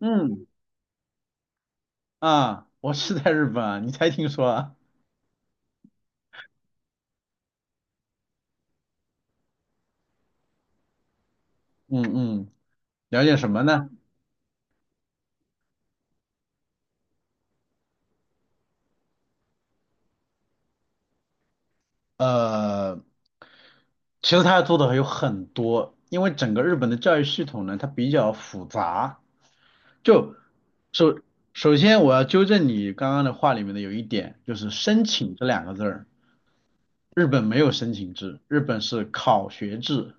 嗯。 啊，我是在日本啊，你才听说啊？嗯嗯，了解什么呢？呃，其实他要做的还有很多，因为整个日本的教育系统呢，它比较复杂。就首首先我要纠正你刚刚的话里面的有一点，就是申请这两个字儿，日本没有申请制，日本是考学制。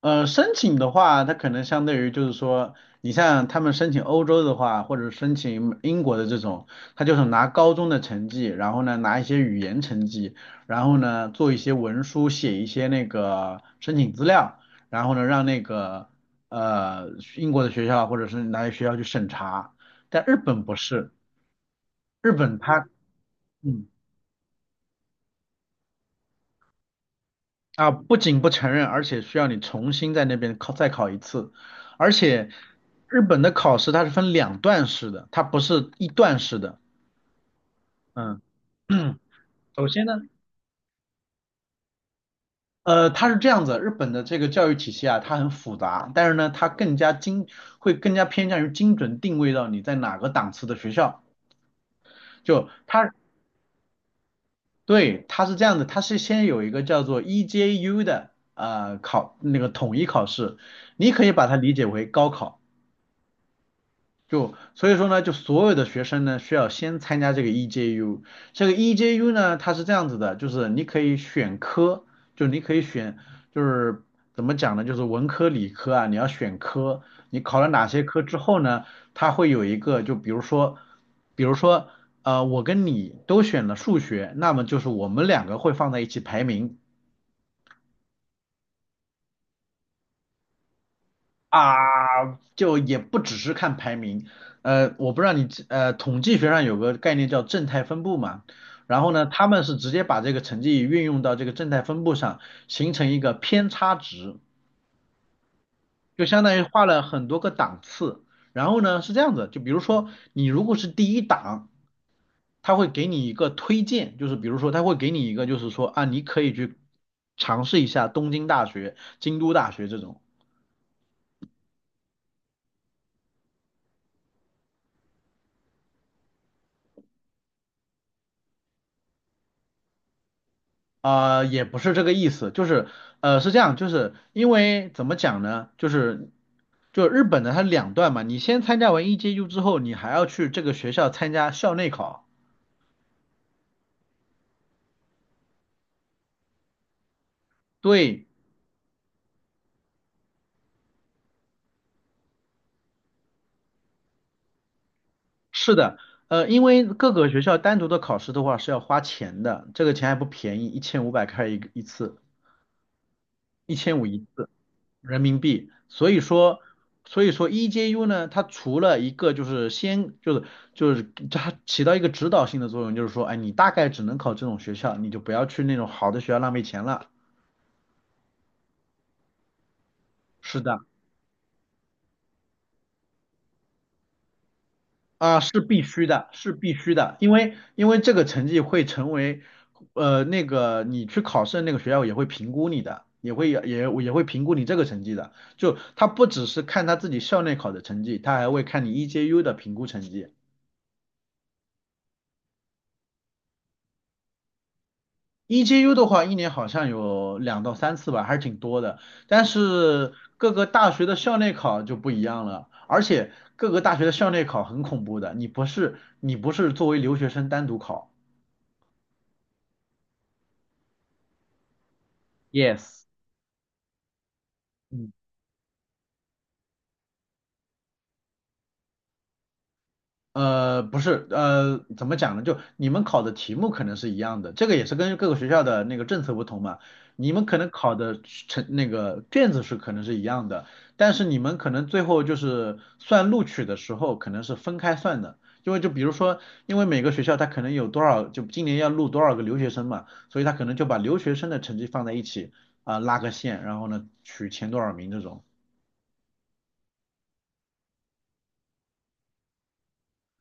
申请的话，他可能相对于就是说，你像他们申请欧洲的话，或者申请英国的这种，他就是拿高中的成绩，然后呢拿一些语言成绩，然后呢做一些文书，写一些那个申请资料，然后呢让那个呃英国的学校或者是哪些学校去审查。但日本不是，日本它嗯啊，不仅不承认，而且需要你重新在那边考再考一次，而且日本的考试它是分两段式的，它不是一段式的。嗯，首先呢，它是这样子，日本的这个教育体系啊，它很复杂，但是呢，它更加精，会更加偏向于精准定位到你在哪个档次的学校。就它，对，它是这样的，它是先有一个叫做 EJU 的考那个统一考试，你可以把它理解为高考。就所以说呢，就所有的学生呢，需要先参加这个 EJU。这个 EJU 呢，它是这样子的，就是你可以选科，就你可以选，就是怎么讲呢，就是文科、理科啊，你要选科。你考了哪些科之后呢，它会有一个，就比如说，比如说，我跟你都选了数学，那么就是我们两个会放在一起排名。啊，就也不只是看排名，我不知道你统计学上有个概念叫正态分布嘛，然后呢，他们是直接把这个成绩运用到这个正态分布上，形成一个偏差值，就相当于画了很多个档次。然后呢，是这样子，就比如说你如果是第一档，他会给你一个推荐，就是比如说他会给你一个，就是说啊，你可以去尝试一下东京大学、京都大学这种。啊，也不是这个意思，就是是这样，就是因为怎么讲呢，就是就日本的它两段嘛，你先参加完 EJU 之后，你还要去这个学校参加校内考。对，是的，因为各个学校单独的考试的话是要花钱的，这个钱还不便宜，1500开一个一次，一千五一次。人民币，所以说，EJU 呢，它除了一个就是先就是就是它起到一个指导性的作用，就是说，哎，你大概只能考这种学校，你就不要去那种好的学校浪费钱了。是的，啊，是必须的，是必须的，因为这个成绩会成为，那个你去考试的那个学校也会评估你的。也会也也会评估你这个成绩的，就他不只是看他自己校内考的成绩，他还会看你 EJU 的评估成绩。EJU 的话，一年好像有2到3次吧，还是挺多的。但是各个大学的校内考就不一样了，而且各个大学的校内考很恐怖的，你不是作为留学生单独考，？Yes，嗯。不是，怎么讲呢？就你们考的题目可能是一样的，这个也是跟各个学校的那个政策不同嘛。你们可能考的成那个卷子是可能是一样的，但是你们可能最后就是算录取的时候可能是分开算的，因为就比如说，因为每个学校它可能有多少，就今年要录多少个留学生嘛，所以他可能就把留学生的成绩放在一起啊，拉个线，然后呢取前多少名这种。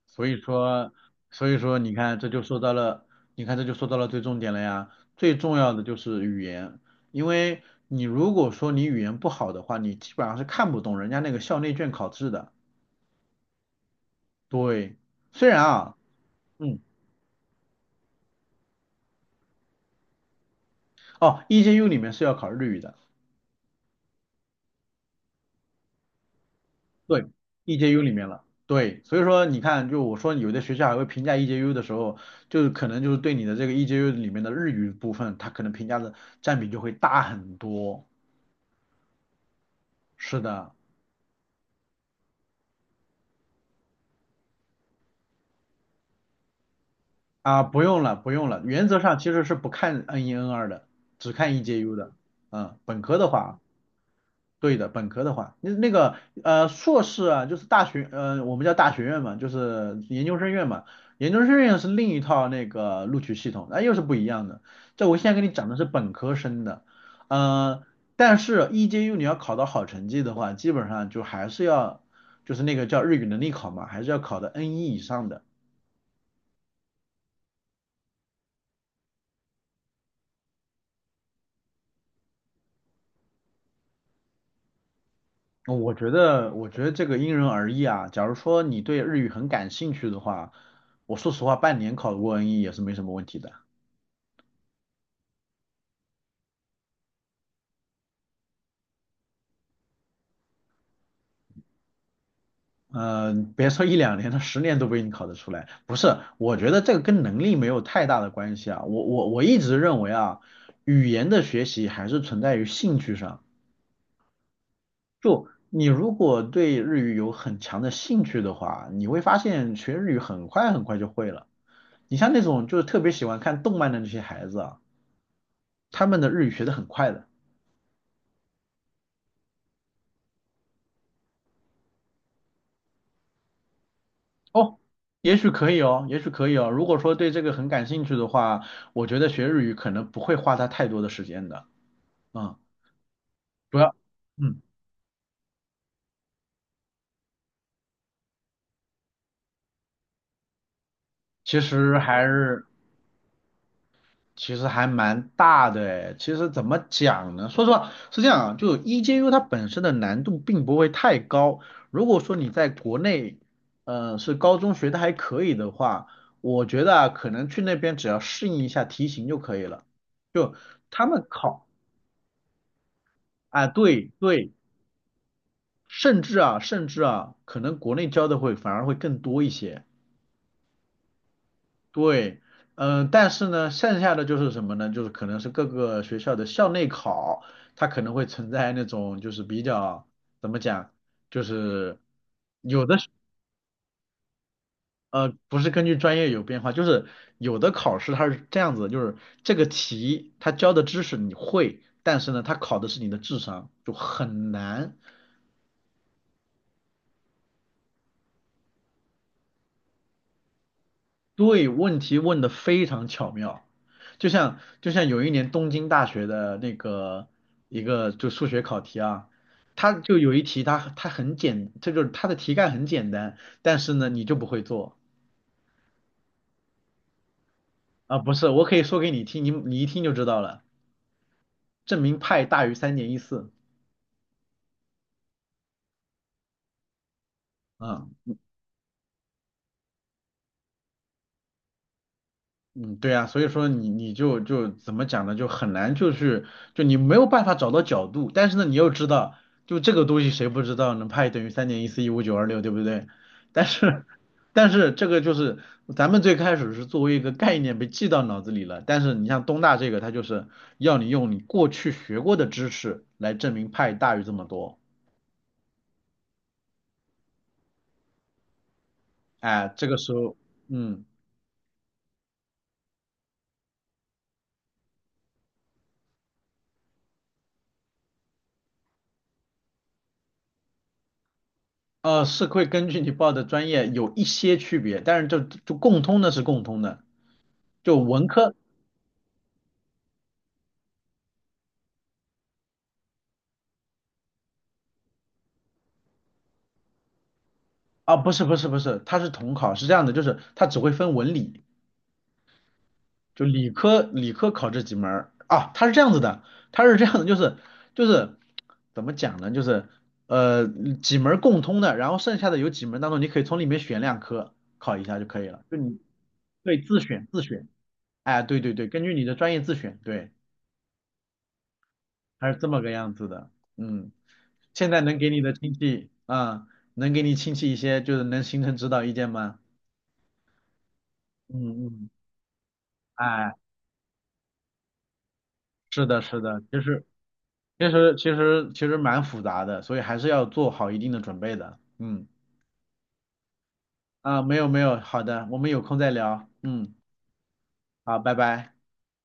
所以说，所以说，你看，这就说到了，你看这就说到了最重点了呀。最重要的就是语言，因为你如果说你语言不好的话，你基本上是看不懂人家那个校内卷考试的。对，虽然啊，嗯，哦，EJU 里面是要考日语的，对，EJU 里面了。对，所以说你看，就我说有的学校还会评价 EJU 的时候，就是可能就是对你的这个 EJU 里面的日语部分，它可能评价的占比就会大很多。是的。啊，不用了，不用了。原则上其实是不看 N1、N2的，只看 EJU 的。嗯，本科的话，对的，本科的话，那个硕士啊，就是大学，我们叫大学院嘛，就是研究生院嘛。研究生院是另一套那个录取系统，那、又是不一样的。这我现在跟你讲的是本科生的，呃，但是 EJU 你要考到好成绩的话，基本上就还是要，就是那个叫日语能力考嘛，还是要考到 n 一以上的。我觉得这个因人而异啊。假如说你对日语很感兴趣的话，我说实话，半年考过 N1 也是没什么问题的。嗯、别说一两年他10年都不一定考得出来。不是，我觉得这个跟能力没有太大的关系啊。我一直认为啊，语言的学习还是存在于兴趣上。就你如果对日语有很强的兴趣的话，你会发现学日语很快很快就会了。你像那种就是特别喜欢看动漫的那些孩子啊，他们的日语学得很快的。哦，也许可以哦，也许可以哦。如果说对这个很感兴趣的话，我觉得学日语可能不会花他太多的时间的。嗯，主要，嗯，其实还是其实还蛮大的诶。其实怎么讲呢？说实话是这样啊，就 EJU 它本身的难度并不会太高。如果说你在国内，是高中学的还可以的话，我觉得啊可能去那边只要适应一下题型就可以了。就他们考啊，对对甚至啊，可能国内教的会反而会更多一些。对，嗯、但是呢，剩下的就是什么呢？就是可能是各个学校的校内考，它可能会存在那种就是比较怎么讲，就是不是根据专业有变化，就是有的考试它是这样子的就是这个题它教的知识你会，但是呢，它考的是你的智商，就很难。对，问题问的非常巧妙，就像有一年东京大学的那个一个就数学考题啊，它就有一题它这就是它的题干很简单，但是呢你就不会做啊，不是，我可以说给你听，你一听就知道了，证明派大于三点一四啊，嗯，对啊，所以说你就怎么讲呢，就很难，就是就你没有办法找到角度，但是呢，你又知道，就这个东西谁不知道呢？派等于3.1415926，对不对？但是 但是这个就是咱们最开始是作为一个概念被记到脑子里了，但是你像东大这个，它就是要你用你过去学过的知识来证明派大于这么多，哎，这个时候，嗯。是会根据你报的专业有一些区别，但是就就共通的是共通的，就文科啊，不是不是不是，它是统考，是这样的，就是它只会分文理，就理科理科考这几门儿啊，它是这样子的，它是这样的，就是就是怎么讲呢，就是呃几门儿共通的，然后剩下的有几门当中你可以从里面选两科考一下就可以了，就你对自选自选，哎，对对对，根据你的专业自选，对，它是这么个样子的，嗯，现在能给你的亲戚啊、能给你亲戚一些就是能形成指导意见吗？嗯嗯，哎。是的，是的，其实蛮复杂的，所以还是要做好一定的准备的。嗯，啊，没有没有，好的，我们有空再聊。嗯，好，拜拜。